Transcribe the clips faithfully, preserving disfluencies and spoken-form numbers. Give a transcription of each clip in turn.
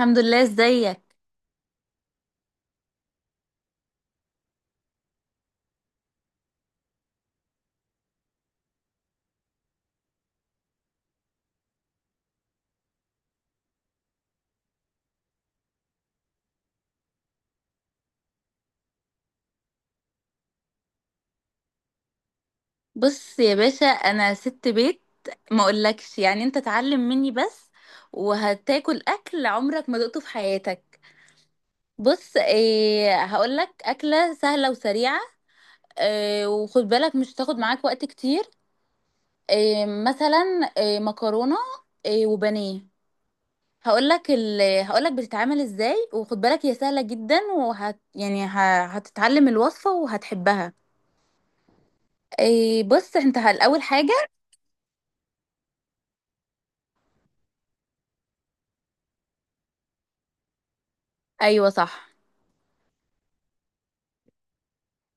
الحمد لله. ازيك؟ بص يا باشا، انا ست بيت. ما اقولكش، يعني انت اتعلم مني بس وهتاكل اكل عمرك ما دقته في حياتك. بص، ايه هقولك اكله سهله وسريعه. ايه، وخد بالك مش هتاخد معاك وقت كتير. ايه مثلا، ايه مكرونه، ايه وبانيه. هقولك ال... هقولك بتتعمل ازاي، وخد بالك هي سهله جدا. وهت يعني ه... هتتعلم الوصفه وهتحبها. ايه، بص انت الاول حاجه. ايوه، صح.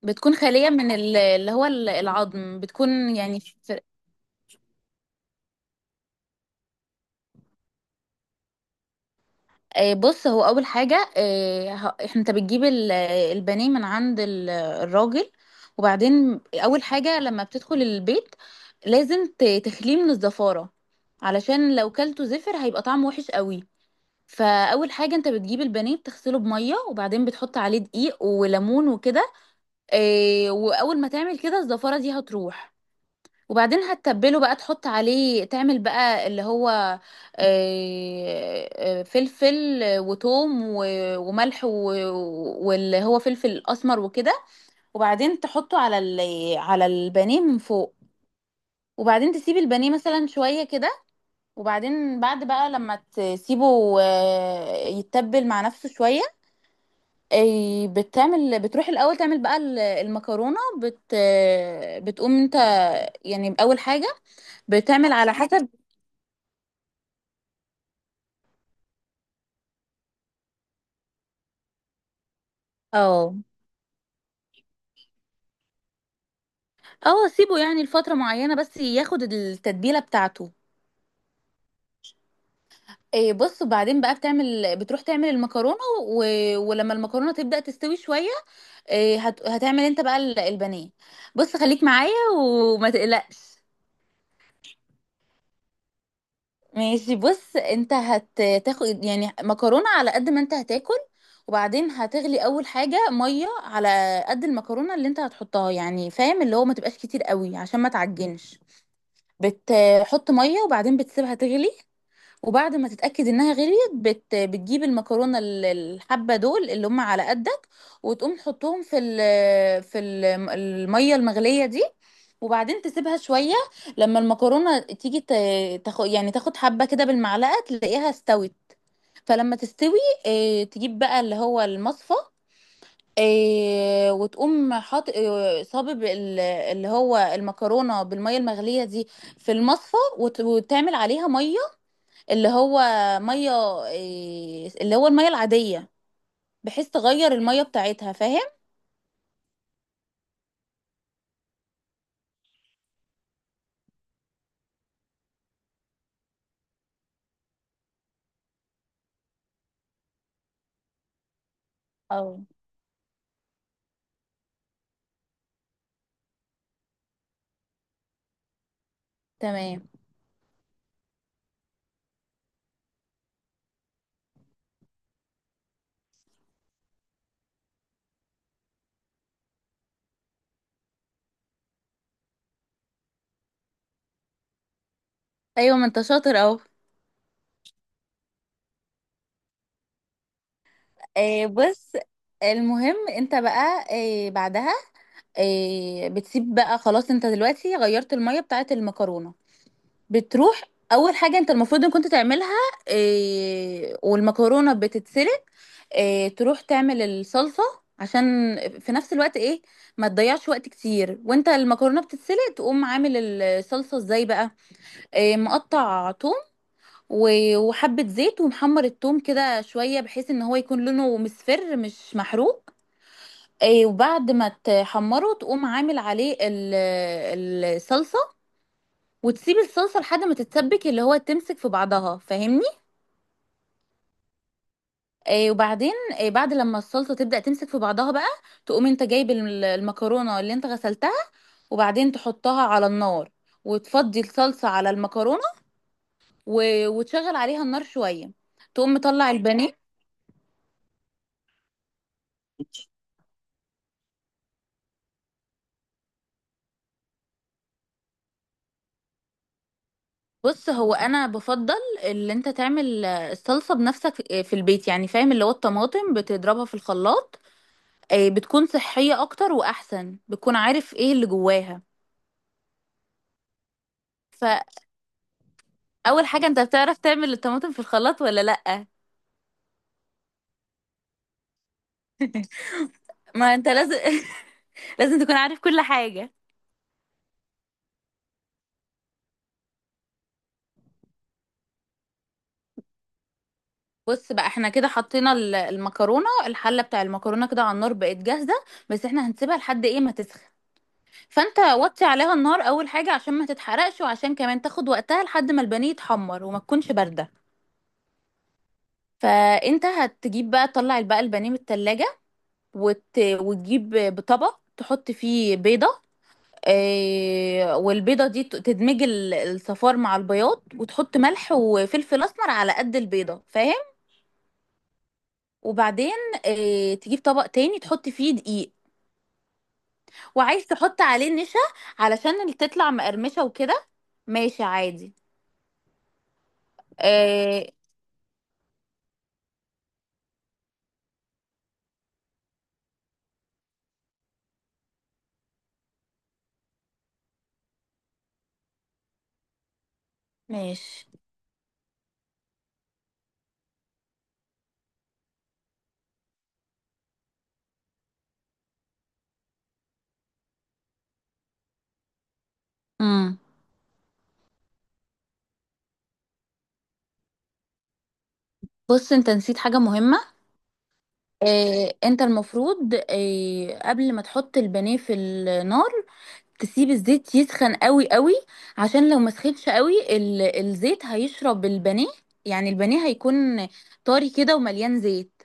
بتكون خالية من ال- اللي هو ال- العظم بتكون يعني في- آه، بص، هو أول حاجة. آه، ه- احنا- انت بتجيب ال- البانيه من عند ال- الراجل وبعدين أول حاجة لما بتدخل البيت لازم ت- تخليه من الزفارة، علشان لو كلته زفر هيبقى طعمه وحش قوي. فأول حاجة، انت بتجيب البانيه بتغسله بمية، وبعدين بتحط عليه دقيق وليمون وكده. آه، وأول ما تعمل كده الزفارة دي هتروح. وبعدين هتتبله بقى، تحط عليه تعمل بقى اللي هو آه، آه، فلفل وتوم و- وملح و- واللي هو فلفل اسمر وكده. وبعدين تحطه على ال- على البانيه من فوق. وبعدين تسيب البانيه مثلا شوية كده. وبعدين بعد بقى لما تسيبه آه، يتبل مع نفسه شوية. آه، بتعمل بتروح الأول تعمل بقى ال- المكرونة بت آه، بتقوم انت، يعني أول حاجة، بتعمل على حسب. اه، اه، سيبه يعني لفترة معينة بس ياخد التتبيلة بتاعته. إيه، بص، بعدين بقى بتعمل بتروح تعمل المكرونة. و... ولما المكرونة تبدأ تستوي شوية، إيه هت... هتعمل انت بقى ال- البانيه بص، خليك معايا وما تقلقش. ماشي، بص، انت هتاخد يعني مكرونة على قد ما انت هتاكل. وبعدين هتغلي اول حاجة مية على قد المكرونة اللي انت هتحطها، يعني فاهم، اللي هو ما تبقاش كتير قوي عشان ما تعجنش. بتحط ميه وبعدين بتسيبها تغلي. وبعد ما تتأكد انها غليت، بت... بتجيب المكرونة، ال- الحبة دول اللي هم على قدك، وتقوم تحطهم في ال... في ال- المية المغلية دي. وبعدين تسيبها شوية. لما المكرونة تيجي ت... تاخد، يعني تاخد حبة كده بالمعلقة تلاقيها استوت. فلما تستوي، اه... تجيب بقى اللي هو المصفى. إيه، وتقوم حاط، إيه، صابب ال- اللي هو المكرونه بالميه المغليه دي في المصفى، وت- وتعمل عليها ميه، اللي هو ميه، إيه، اللي هو الميه العاديه، بحيث تغير الميه بتاعتها، فاهم. اه، تمام. ايوه، ما انت شاطر اهو. آه بص، المهم انت بقى آه بعدها آه بتسيب بقى خلاص. انت دلوقتي غيرت الميه بتاعت المكرونه، بتروح. اول حاجه انت المفروض ان كنت تعملها، إيه، والمكرونه بتتسلق، إيه، تروح تعمل الصلصه، عشان في نفس الوقت، ايه، ما تضيعش وقت كتير وانت المكرونه بتتسلق. تقوم عامل الصلصه ازاي بقى؟ إيه، مقطع توم و- وحبه زيت، ومحمر التوم كده شويه بحيث ان هو يكون لونه مصفر مش محروق. إيه، وبعد ما تحمره تقوم عامل عليه ال- الصلصه وتسيب الصلصه لحد ما تتسبك، اللي هو تمسك في بعضها، فاهمني. آه وبعدين آه بعد لما الصلصه تبدا تمسك في بعضها بقى، تقوم انت جايب الم- المكرونه اللي انت غسلتها، وبعدين تحطها على النار، وتفضي الصلصه على المكرونه، و... وتشغل عليها النار شويه. تقوم مطلع البانيه. بص، هو انا بفضل اللي انت تعمل آه، الصلصه بنفسك آه، في البيت، يعني فاهم، اللي هو الطماطم بتضربها في الخلاط. آه، بتكون صحيه اكتر واحسن، بتكون عارف ايه اللي جواها. اول حاجه، انت بتعرف تعمل الطماطم في الخلاط ولا لا؟ ما انت لازم لازم تكون عارف كل حاجه. بص بقى، احنا كده حطينا ال- المكرونه الحله بتاع المكرونه كده على النار، بقت جاهزه. بس احنا هنسيبها لحد ايه ما تسخن. فانت وطي عليها النار اول حاجه، عشان ما تتحرقش، وعشان كمان تاخد وقتها لحد ما البانيه يتحمر وما تكونش بارده. فانت هتجيب بقى، تطلع بقى البانيه من التلاجة، وت... وتجيب بطبق تحط فيه بيضه. آه، والبيضة دي ت- تدمج ال- الصفار مع البياض، وتحط ملح وفلفل أسمر على قد البيضة، فاهم. وبعدين آه، تجيب طبق تاني تحط فيه دقيق، وعايز تحط عليه نشا علشان اللي تطلع مقرمشة وكده. ماشي، عادي. آه، ماشي. امم بص، انت نسيت حاجة مهمة. آه، انت المفروض آه، قبل ما تحط البانيه في النار تسيب الزيت يسخن قوي قوي، عشان لو ما سخنش قوي ال- الزيت هيشرب البانيه. يعني البانيه هيكون طري كده ومليان زيت،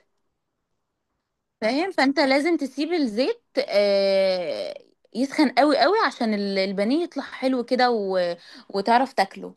فاهم. فانت لازم تسيب الزيت آه، يسخن قوي قوي عشان ال- البانيه يطلع حلو كده، و- وتعرف تاكله.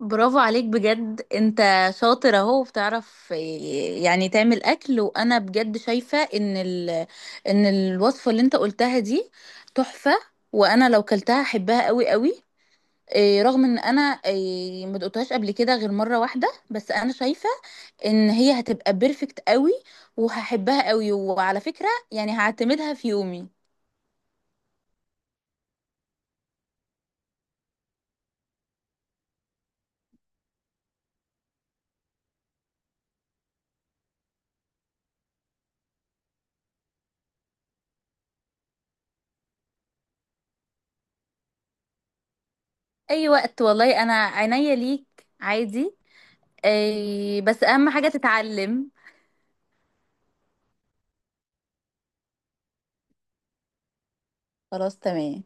برافو عليك بجد. انت شاطر اهو، وبتعرف آه، يعني تعمل اكل، وانا بجد شايفة ان ال ان الوصفة اللي انت قلتها دي تحفة، وانا لو كلتها احبها قوي قوي. إيه، رغم ان انا، إيه، ما دقتهاش قبل كده غير مره واحده، بس انا شايفه ان هي هتبقى بيرفكت قوي وهحبها قوي. وعلى فكره، يعني هعتمدها في يومي. اي وقت، والله انا عينيا ليك، عادي. إيه، بس اهم حاجه تتعلم. خلاص، تمام.